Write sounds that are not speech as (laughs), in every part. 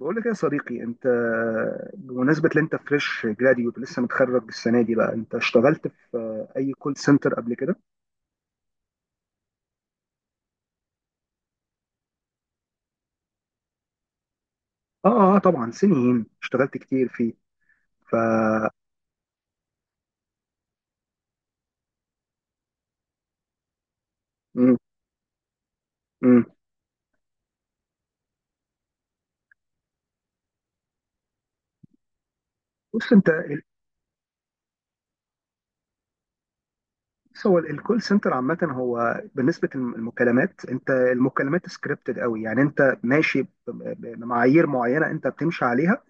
بقول لك يا صديقي انت. بمناسبة ان انت فريش جراديوت لسه متخرج السنة دي، بقى انت اشتغلت في اي كول سنتر قبل كده؟ اه اه، طبعا سنين اشتغلت كتير فيه. ف مم، مم. بص انت بص، هو الكول سنتر عامة، هو بالنسبة للمكالمات انت المكالمات سكريبتد قوي، يعني انت ماشي بمعايير معينة انت بتمشي عليها.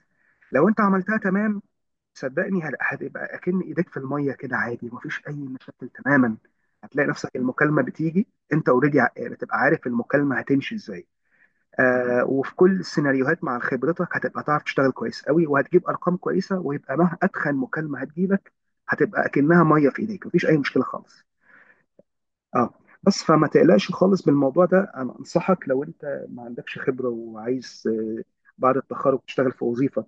لو انت عملتها تمام صدقني هتبقى اكن ايديك في الميه كده، عادي مفيش اي مشاكل تماما. هتلاقي نفسك المكالمه بتيجي، انت اوريدي بتبقى عارف المكالمه هتمشي ازاي. آه، وفي كل السيناريوهات مع خبرتك هتبقى تعرف تشتغل كويس قوي، وهتجيب ارقام كويسه، ويبقى مهما اتخن مكالمه هتجيلك هتبقى اكنها ميه في ايديك، مفيش اي مشكله خالص. اه، بس فما تقلقش خالص بالموضوع ده. انا انصحك، لو انت ما عندكش خبره وعايز آه، بعد التخرج تشتغل في وظيفه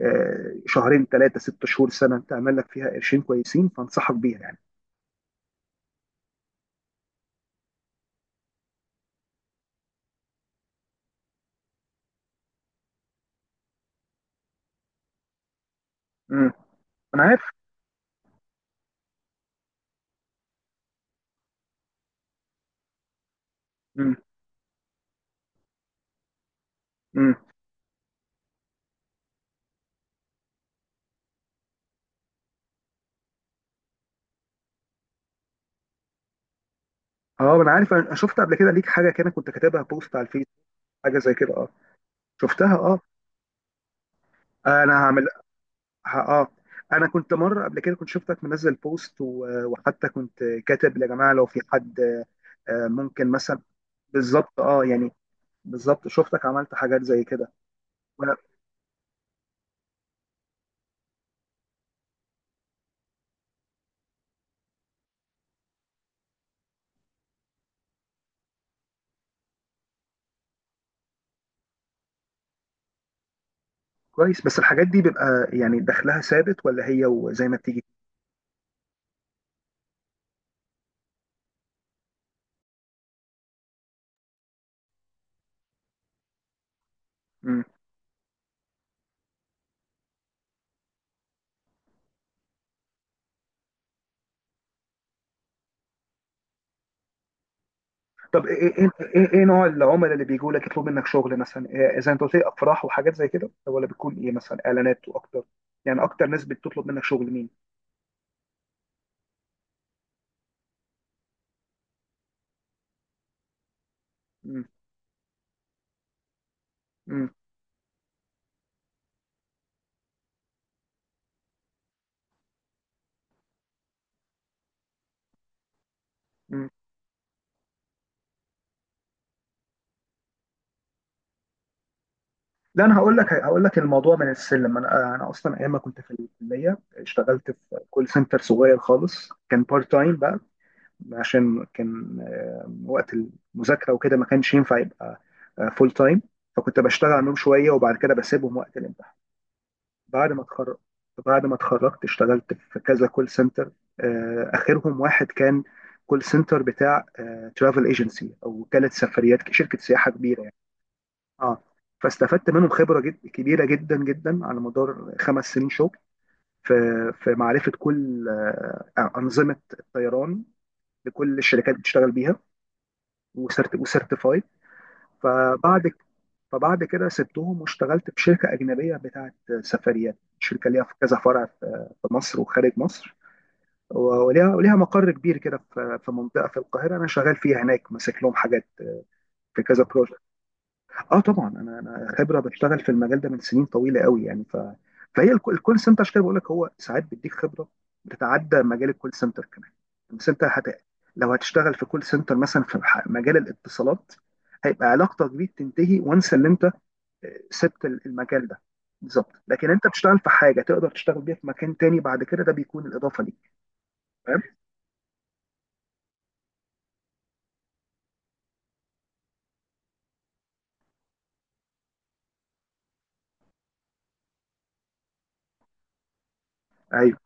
شهرين ثلاثه ست شهور سنه، تعمل لك فيها قرشين كويسين، فانصحك بيها يعني. امم. انا عارف. امم. امم. اه، انا عارف، انا شفت قبل كده ليك حاجه كده، كنت كاتبها بوست على الفيس، حاجه زي كده، اه. شفتها اه. انا هعمل. اه، انا كنت مره قبل كده كنت شفتك منزل بوست وحتى كنت كاتب يا جماعه لو في حد ممكن مثلا. بالظبط اه يعني، بالظبط شفتك عملت حاجات زي كده. وأنا- كويس، بس الحاجات دي بيبقى يعني دخلها ثابت، ولا هي وزي ما بتيجي؟ مم. طب ايه إيه نوع العملاء اللي بيجوا لك يطلبوا منك شغل مثلا؟ إيه، زي ما انت قلت لي افراح وحاجات زي كده، طب ولا بتكون ايه مثلا، اعلانات واكتر؟ يعني اكتر ناس بتطلب منك شغل مين؟ مم. مم. مم. لا، انا هقول لك الموضوع من السلم. انا اصلا ايام ما كنت في الكليه اشتغلت في كول سنتر صغير خالص، كان بارت تايم، عشان كان وقت المذاكرة وكده، ما كانش ينفع يبقى فول تايم. فكنت بشتغل عنهم شوية، وبعد كده بسيبهم وقت الامتحان. بعد ما اتخرج، بعد ما اتخرجت اشتغلت في كذا كول سنتر، آخرهم واحد كان كول سنتر بتاع ترافل ايجنسي، أو وكالة سفريات، شركة سياحة كبيرة يعني. اه، فاستفدت منهم خبرة جد كبيرة جدا جدا، على مدار خمس سنين شغل، في في معرفة كل أنظمة الطيران لكل الشركات بتشتغل بيها، وسرت وسيرتيفايد. فبعد فبعد كده سبتهم واشتغلت في شركه اجنبيه بتاعت سفريات، شركه ليها في كذا فرع في مصر وخارج مصر، وليها مقر كبير كده في منطقه في القاهره، انا شغال فيها هناك، ماسك لهم حاجات في كذا. اه طبعا، انا خبره بشتغل في المجال ده من سنين طويله قوي يعني. فهي الكول سنتر، عشان كده بقول لك هو ساعات بيديك خبره بتتعدى مجال الكول سنتر كمان. بس انت لو هتشتغل في كول سنتر مثلا في مجال الاتصالات، هيبقى علاقتك بيه بتنتهي، وانس اللي انت سبت المجال ده. بالظبط، لكن انت بتشتغل في حاجه تقدر تشتغل بيها في مكان تاني بعد كده، ده بيكون الاضافه ليك. فاهم. ايوه،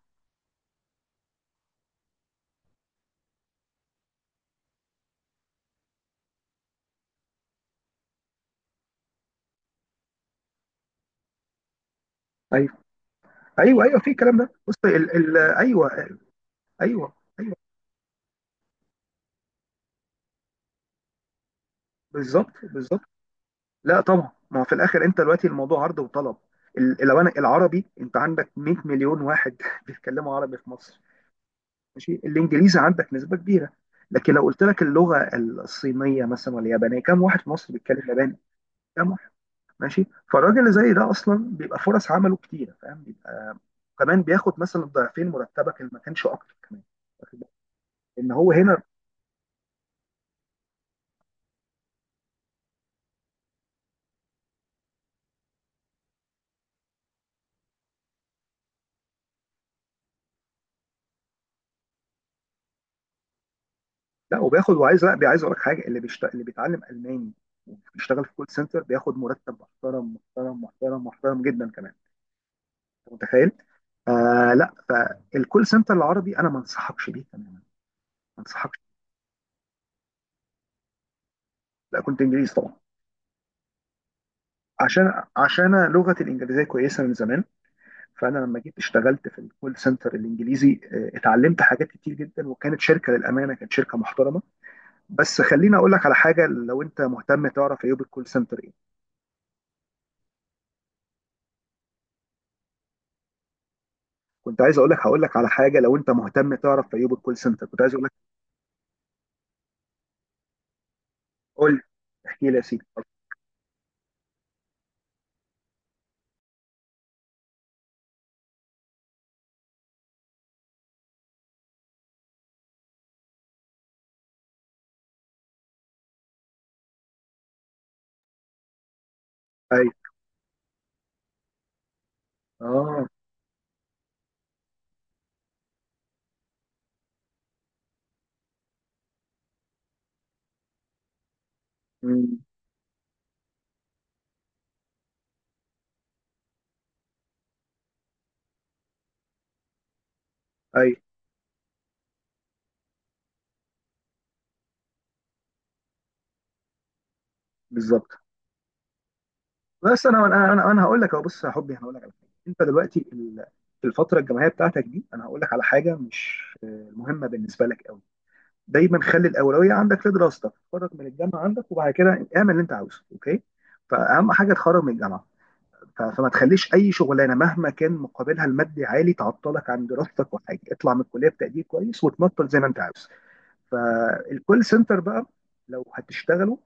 ايوه، ايوه، ايوه في الكلام ده. بص ايوه، ايوه، ايوه. بالظبط، بالظبط. لا طبعا، ما هو في الاخر انت دلوقتي الموضوع عرض وطلب. لو انا العربي، انت عندك 100 مليون واحد (laughs) بيتكلموا عربي في مصر، ماشي. الانجليزي عندك نسبه كبيره. لكن لو قلت لك اللغه الصينيه مثلا، ولا اليابانيه، كم واحد في مصر بيتكلم ياباني؟ كم واحد؟ ماشي. فالراجل اللي زي ده اصلا بيبقى فرص عمله كتيره، فاهم، بيبقى كمان بياخد مثلا ضعفين مرتبك، اللي ما كانش اكتر كمان. واخد بالك؟ ان هو هنا، لا وبياخد وعايز، لا عايز اقول لك حاجه، اللي اللي بيتعلم الماني وبيشتغل في كول سنتر بياخد مرتب محترم محترم محترم محترم جدا كمان. انت متخيل؟ آه لا، فالكول سنتر العربي انا ما انصحكش بيه تماما، ما انصحكش. لا كنت انجليزي طبعا. عشان، عشان أنا لغتي الانجليزيه كويسه من زمان، فانا لما جيت اشتغلت في الكول سنتر الانجليزي اتعلمت حاجات كتير جدا، وكانت شركه للامانه، كانت شركه محترمه. بس خليني اقول لك على حاجه لو انت مهتم تعرف عيوب الكول سنتر. كنت عايز اقول لك، هقول لك على حاجه لو انت مهتم تعرف في ايوب الكول سنتر، كنت عايز اقول لك. قول لي. احكي لي يا سيدي. اي اه. أمم. اي. بالظبط. بس أنا هقول لك اهو، بص يا حبي، انا هقول لك على حاجه. انت دلوقتي في الفتره الجامعيه بتاعتك دي، انا هقول لك على حاجه مش مهمه بالنسبه لك قوي. دايما خلي الاولويه عندك في دراستك، اتخرج من الجامعه عندك وبعد كده اعمل اللي انت عاوزه، اوكي؟ فاهم حاجه؟ تخرج من الجامعه. فما تخليش اي شغلانه مهما كان مقابلها المادي عالي تعطلك عن دراستك، وحاجه اطلع من الكليه بتقدير كويس، وتنطل زي ما انت عاوز. فالكول سنتر بقى، لو هتشتغله،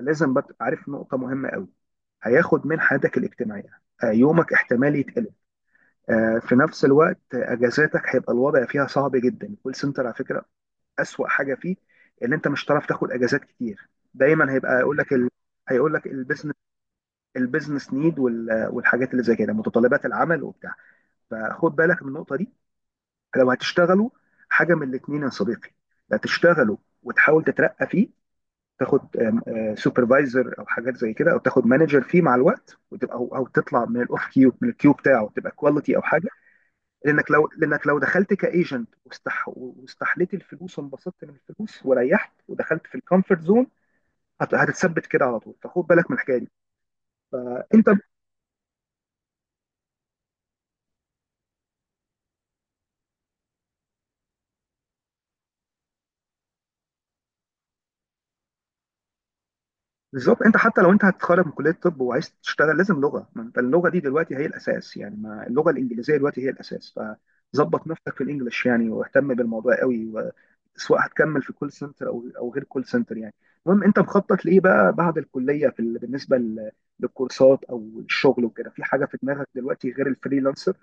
لازم بقى تبقى عارف نقطه مهمه قوي، هياخد من حياتك الاجتماعيه. يومك احتمال يتقلب. في نفس الوقت اجازاتك هيبقى الوضع فيها صعب جدا. الكول سنتر على فكره اسوأ حاجه فيه ان انت مش هتعرف تاخد اجازات كتير، دايما هيبقى يقول لك هيقول لك البيزنس، البيزنس نيد، والحاجات اللي زي كده، متطلبات العمل وبتاع. فخد بالك من النقطه دي لو هتشتغلوا. حاجه من الاثنين يا صديقي، لا تشتغلوا وتحاول تترقى فيه، تاخد سوبرفايزر او حاجات زي كده، او تاخد مانجر فيه مع الوقت، وتبقى أو تطلع من الاوف كيو، من الكيو بتاعه، تبقى كواليتي او حاجه. لانك لو دخلت كايجنت واستحليت الفلوس وانبسطت من الفلوس وريحت ودخلت في الكومفورت زون، هتتثبت كده على طول، فخد بالك من الحكايه دي. فانت بالظبط، انت حتى لو انت هتتخرج من كليه الطب وعايز تشتغل لازم لغه، ما انت اللغه دي دلوقتي هي الاساس يعني، ما اللغه الانجليزيه دلوقتي هي الاساس. فظبط نفسك في الانجليش يعني، واهتم بالموضوع قوي سواء هتكمل في كول سنتر او غير كول سنتر يعني. المهم، انت مخطط لايه بقى بعد الكليه في بالنسبه للكورسات او الشغل وكده؟ في حاجه في دماغك دلوقتي غير الفريلانسر؟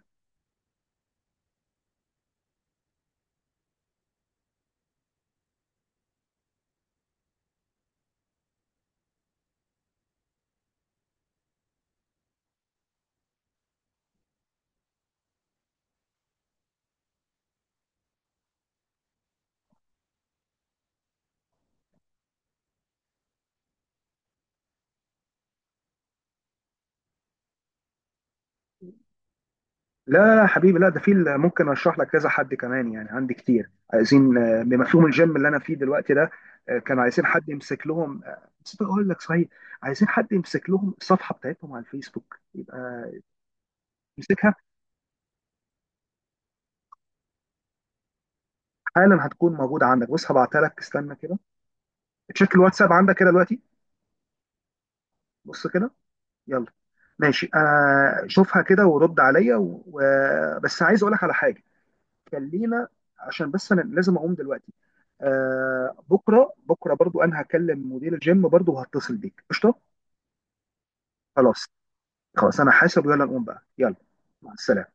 لا، لا، لا حبيبي، لا ده في ممكن اشرح لك كذا حد كمان يعني، عندي كتير عايزين بمفهوم الجيم اللي انا فيه دلوقتي ده كانوا عايزين حد يمسك لهم. نسيت اقول لك، صحيح عايزين حد يمسك لهم الصفحه بتاعتهم على الفيسبوك، يبقى امسكها. حالا هتكون موجوده عندك، بص هبعتها لك، استنى كده. تشيك الواتساب عندك كده دلوقتي. بص كده. يلا. ماشي، انا شوفها كده ورد عليا، بس عايز اقول لك على حاجه. خلينا، عشان بس انا لازم اقوم دلوقتي. آه، بكره بكره برضو انا هكلم مدير الجيم برضو وهتصل بيك قشطه. خلاص، خلاص انا حاسب، ويلا نقوم بقى، يلا. مع السلامه.